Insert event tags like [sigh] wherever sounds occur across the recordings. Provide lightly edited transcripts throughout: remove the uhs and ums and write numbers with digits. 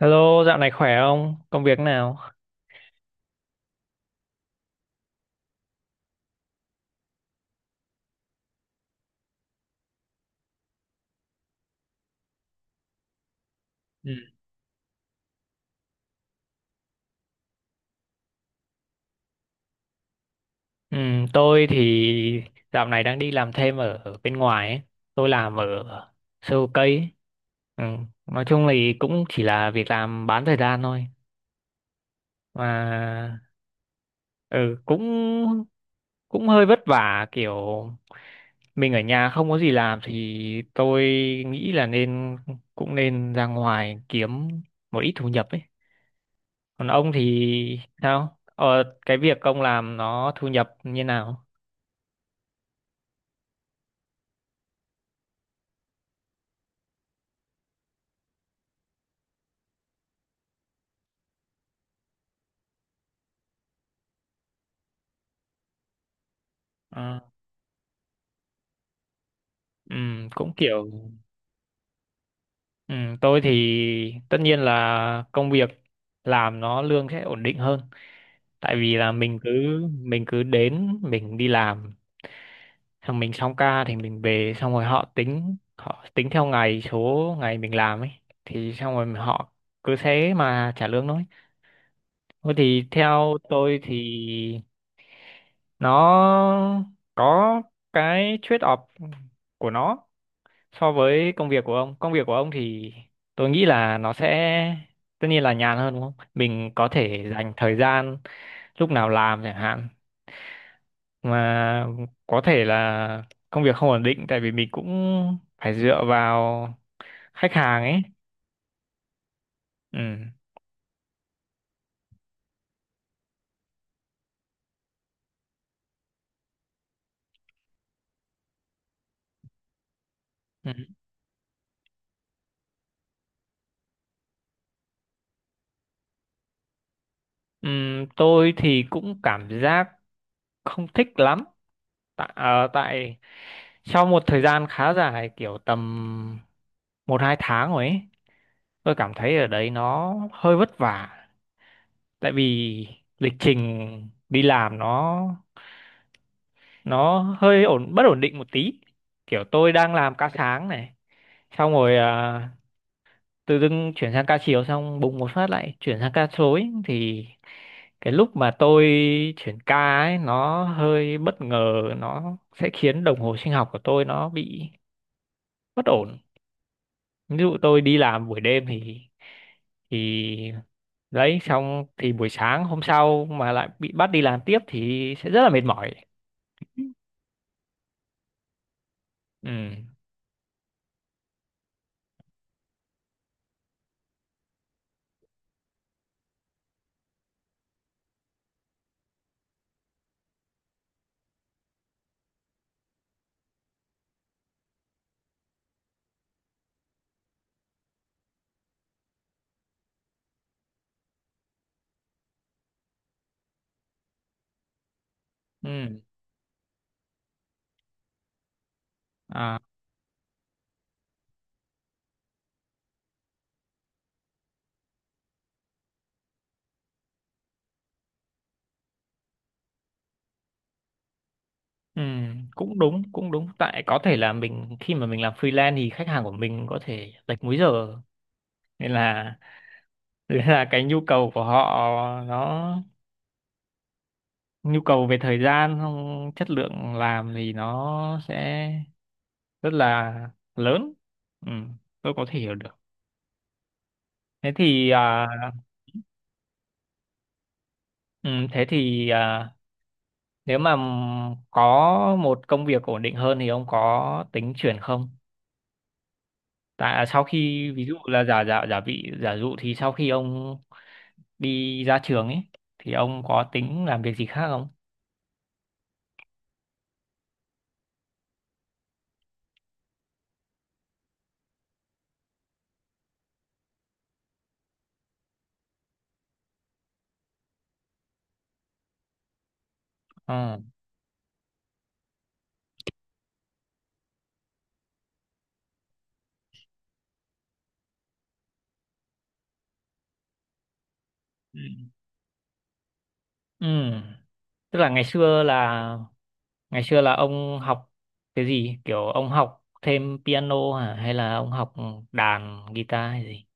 Hello, dạo này khỏe không? Công việc nào? Ừ. Ừ, tôi thì dạo này đang đi làm thêm ở bên ngoài ấy. Tôi làm ở sale cây ấy. Ừ, nói chung thì cũng chỉ là việc làm bán thời gian thôi. Mà ừ, cũng cũng hơi vất vả kiểu mình ở nhà không có gì làm thì tôi nghĩ là nên cũng nên ra ngoài kiếm một ít thu nhập ấy. Còn ông thì sao? Ờ, cái việc ông làm nó thu nhập như nào? Ờ, cũng kiểu tôi thì tất nhiên là công việc làm nó lương sẽ ổn định hơn. Tại vì là mình cứ đến mình đi làm, xong mình xong ca thì mình về, xong rồi họ tính theo ngày số ngày mình làm ấy, thì xong rồi họ cứ thế mà trả lương thôi. Thôi thì theo tôi thì nó có cái trade-off của nó so với công việc của ông. Công việc của ông thì tôi nghĩ là nó sẽ tất nhiên là nhàn hơn đúng không? Mình có thể dành thời gian lúc nào làm chẳng hạn. Mà có thể là công việc không ổn định tại vì mình cũng phải dựa vào khách hàng ấy. Ừ. Ừ. Tôi thì cũng cảm giác không thích lắm tại, ờ, tại sau một thời gian khá dài kiểu tầm một hai tháng rồi ấy tôi cảm thấy ở đấy nó hơi vất vả tại vì lịch trình đi làm nó hơi ổn bất ổn định một tí kiểu tôi đang làm ca sáng này xong rồi tự dưng chuyển sang ca chiều xong bùng một phát lại chuyển sang ca rối thì cái lúc mà tôi chuyển ca ấy nó hơi bất ngờ nó sẽ khiến đồng hồ sinh học của tôi nó bị bất ổn ví dụ tôi đi làm buổi đêm thì thì đấy xong thì buổi sáng hôm sau mà lại bị bắt đi làm tiếp thì sẽ rất là mệt mỏi. Ừ. Ừ. À. Ừ, cũng đúng tại có thể là mình khi mà mình làm freelance thì khách hàng của mình có thể lệch múi giờ nên là đấy là cái nhu cầu của họ nó nhu cầu về thời gian không chất lượng làm thì nó sẽ rất là lớn. Ừ, tôi có thể hiểu được. thế thì à, ừ, thế thì à, nếu mà có một công việc ổn định hơn thì ông có tính chuyển không tại à, sau khi ví dụ là giả giả giả vị giả dụ thì sau khi ông đi ra trường ấy thì ông có tính làm việc gì khác không? Ừ. Ừ. Tức là ngày xưa là ông học cái gì? Kiểu ông học thêm piano hả? Hay là ông học đàn, guitar hay gì?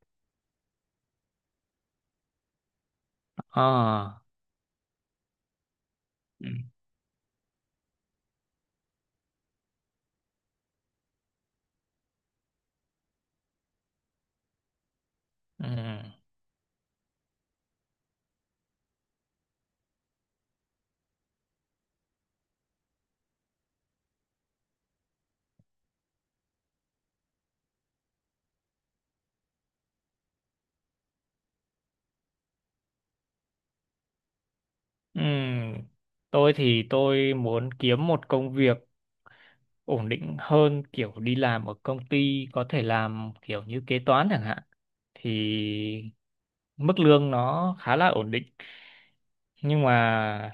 À. Ừ. Ừ. Ừ. Tôi thì tôi muốn kiếm một công việc ổn định hơn kiểu đi làm ở công ty có thể làm kiểu như kế toán chẳng hạn thì mức lương nó khá là ổn định nhưng mà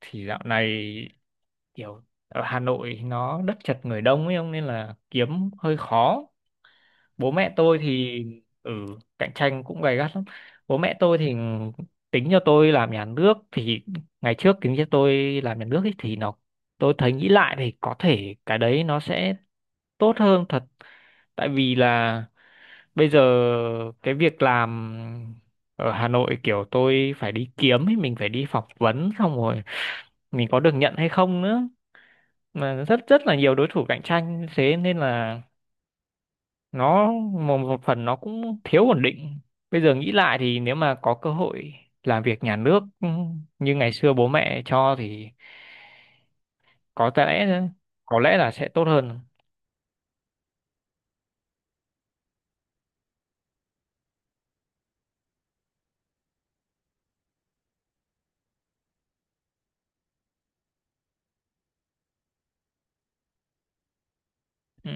thì dạo này kiểu ở Hà Nội nó đất chật người đông ấy ông nên là kiếm hơi khó bố mẹ tôi thì ừ cạnh tranh cũng gay gắt lắm bố mẹ tôi thì tính cho tôi làm nhà nước thì ngày trước tính cho tôi làm nhà nước ấy, thì nó tôi thấy nghĩ lại thì có thể cái đấy nó sẽ tốt hơn thật tại vì là bây giờ cái việc làm ở Hà Nội kiểu tôi phải đi kiếm ấy mình phải đi phỏng vấn xong rồi mình có được nhận hay không nữa mà rất rất là nhiều đối thủ cạnh tranh thế nên là nó một phần nó cũng thiếu ổn định bây giờ nghĩ lại thì nếu mà có cơ hội làm việc nhà nước ừ, như ngày xưa bố mẹ cho thì có lẽ có lẽ là sẽ tốt hơn. Ừ.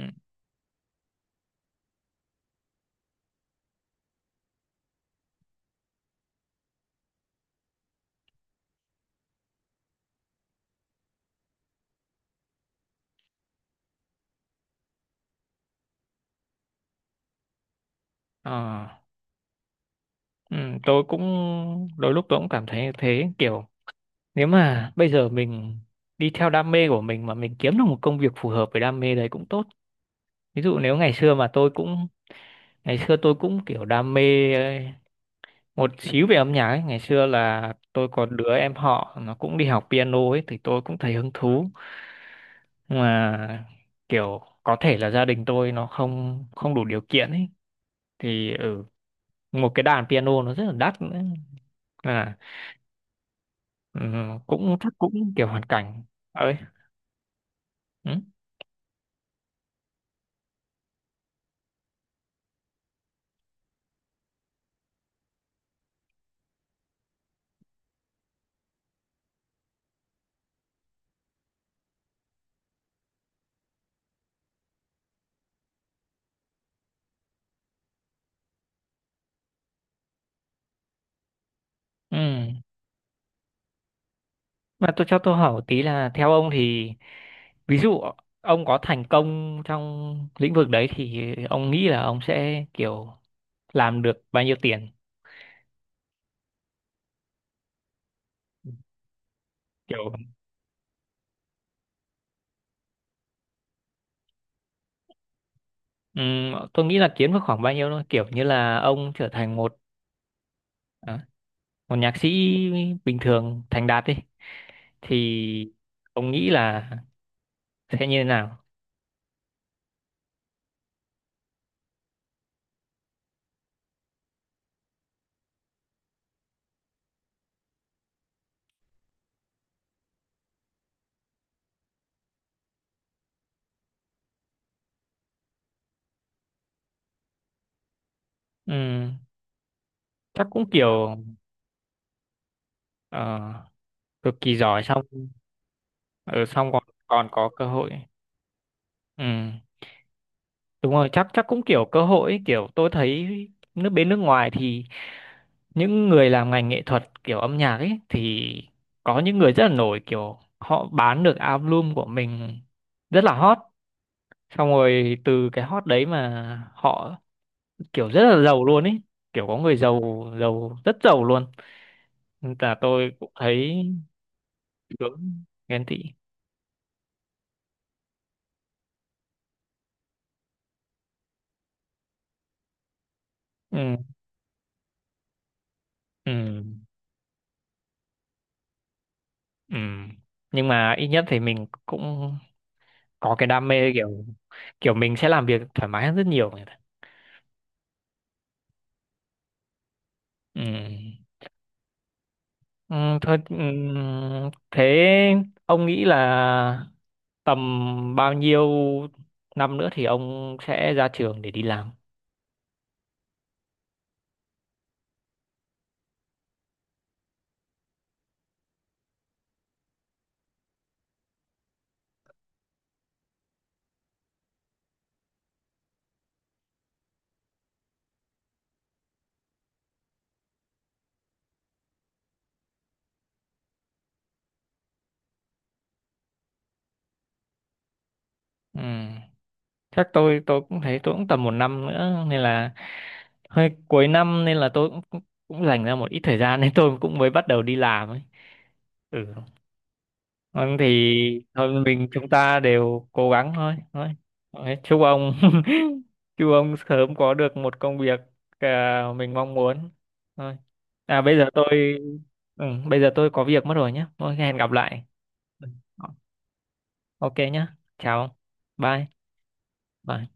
Ờ. Ừ. Tôi cũng đôi lúc tôi cũng cảm thấy như thế kiểu nếu mà bây giờ mình đi theo đam mê của mình mà mình kiếm được một công việc phù hợp với đam mê đấy cũng tốt ví dụ nếu ngày xưa tôi cũng kiểu đam mê một xíu về âm nhạc ấy. Ngày xưa là tôi có đứa em họ nó cũng đi học piano ấy thì tôi cũng thấy hứng thú nhưng mà kiểu có thể là gia đình tôi nó không không đủ điều kiện ấy thì ừ, một cái đàn piano nó rất là đắt nữa. À. Ừ, chắc cũng kiểu hoàn cảnh ấy. Ừ. Ừ. Mà tôi cho tôi hỏi một tí là theo ông thì ví dụ ông có thành công trong lĩnh vực đấy thì ông nghĩ là ông sẽ kiểu làm được bao nhiêu tiền kiểu? Tôi nghĩ là kiếm được khoảng bao nhiêu thôi kiểu như là ông trở thành một à, một nhạc sĩ bình thường thành đạt đi thì ông nghĩ là sẽ như thế nào? Ừm, chắc cũng kiểu ờ, cực kỳ giỏi xong ở xong còn còn có cơ hội. Ừm, đúng rồi chắc chắc cũng kiểu cơ hội ấy, kiểu tôi thấy bên nước ngoài thì những người làm ngành nghệ thuật kiểu âm nhạc ấy thì có những người rất là nổi kiểu họ bán được album của mình rất là hot xong rồi từ cái hot đấy mà họ kiểu rất là giàu luôn ấy kiểu có người giàu giàu rất giàu luôn. Nên là tôi cũng thấy hướng ghen tị. ừ, ừ, ừ. Nhưng mà ít nhất thì mình cũng có cái đam mê kiểu kiểu mình sẽ làm việc thoải mái hơn rất nhiều người ta. Ừ. Ừ, thôi ừ, thế ông nghĩ là tầm bao nhiêu năm nữa thì ông sẽ ra trường để đi làm? Ừ. Chắc tôi cũng thấy tôi cũng tầm một năm nữa nên là hơi cuối năm nên là tôi cũng cũng cũng dành ra một ít thời gian [laughs] nên tôi cũng mới bắt đầu đi làm ấy. Ừ. Vâng, thì thôi chúng ta đều cố gắng thôi thôi. Thôi, chúc ông [laughs] chúc ông sớm có được một công việc à, mình mong muốn thôi. À bây giờ ừ, bây giờ tôi có việc mất rồi nhé thôi hẹn gặp lại. Ừ. Ok nhé, chào, bye bye.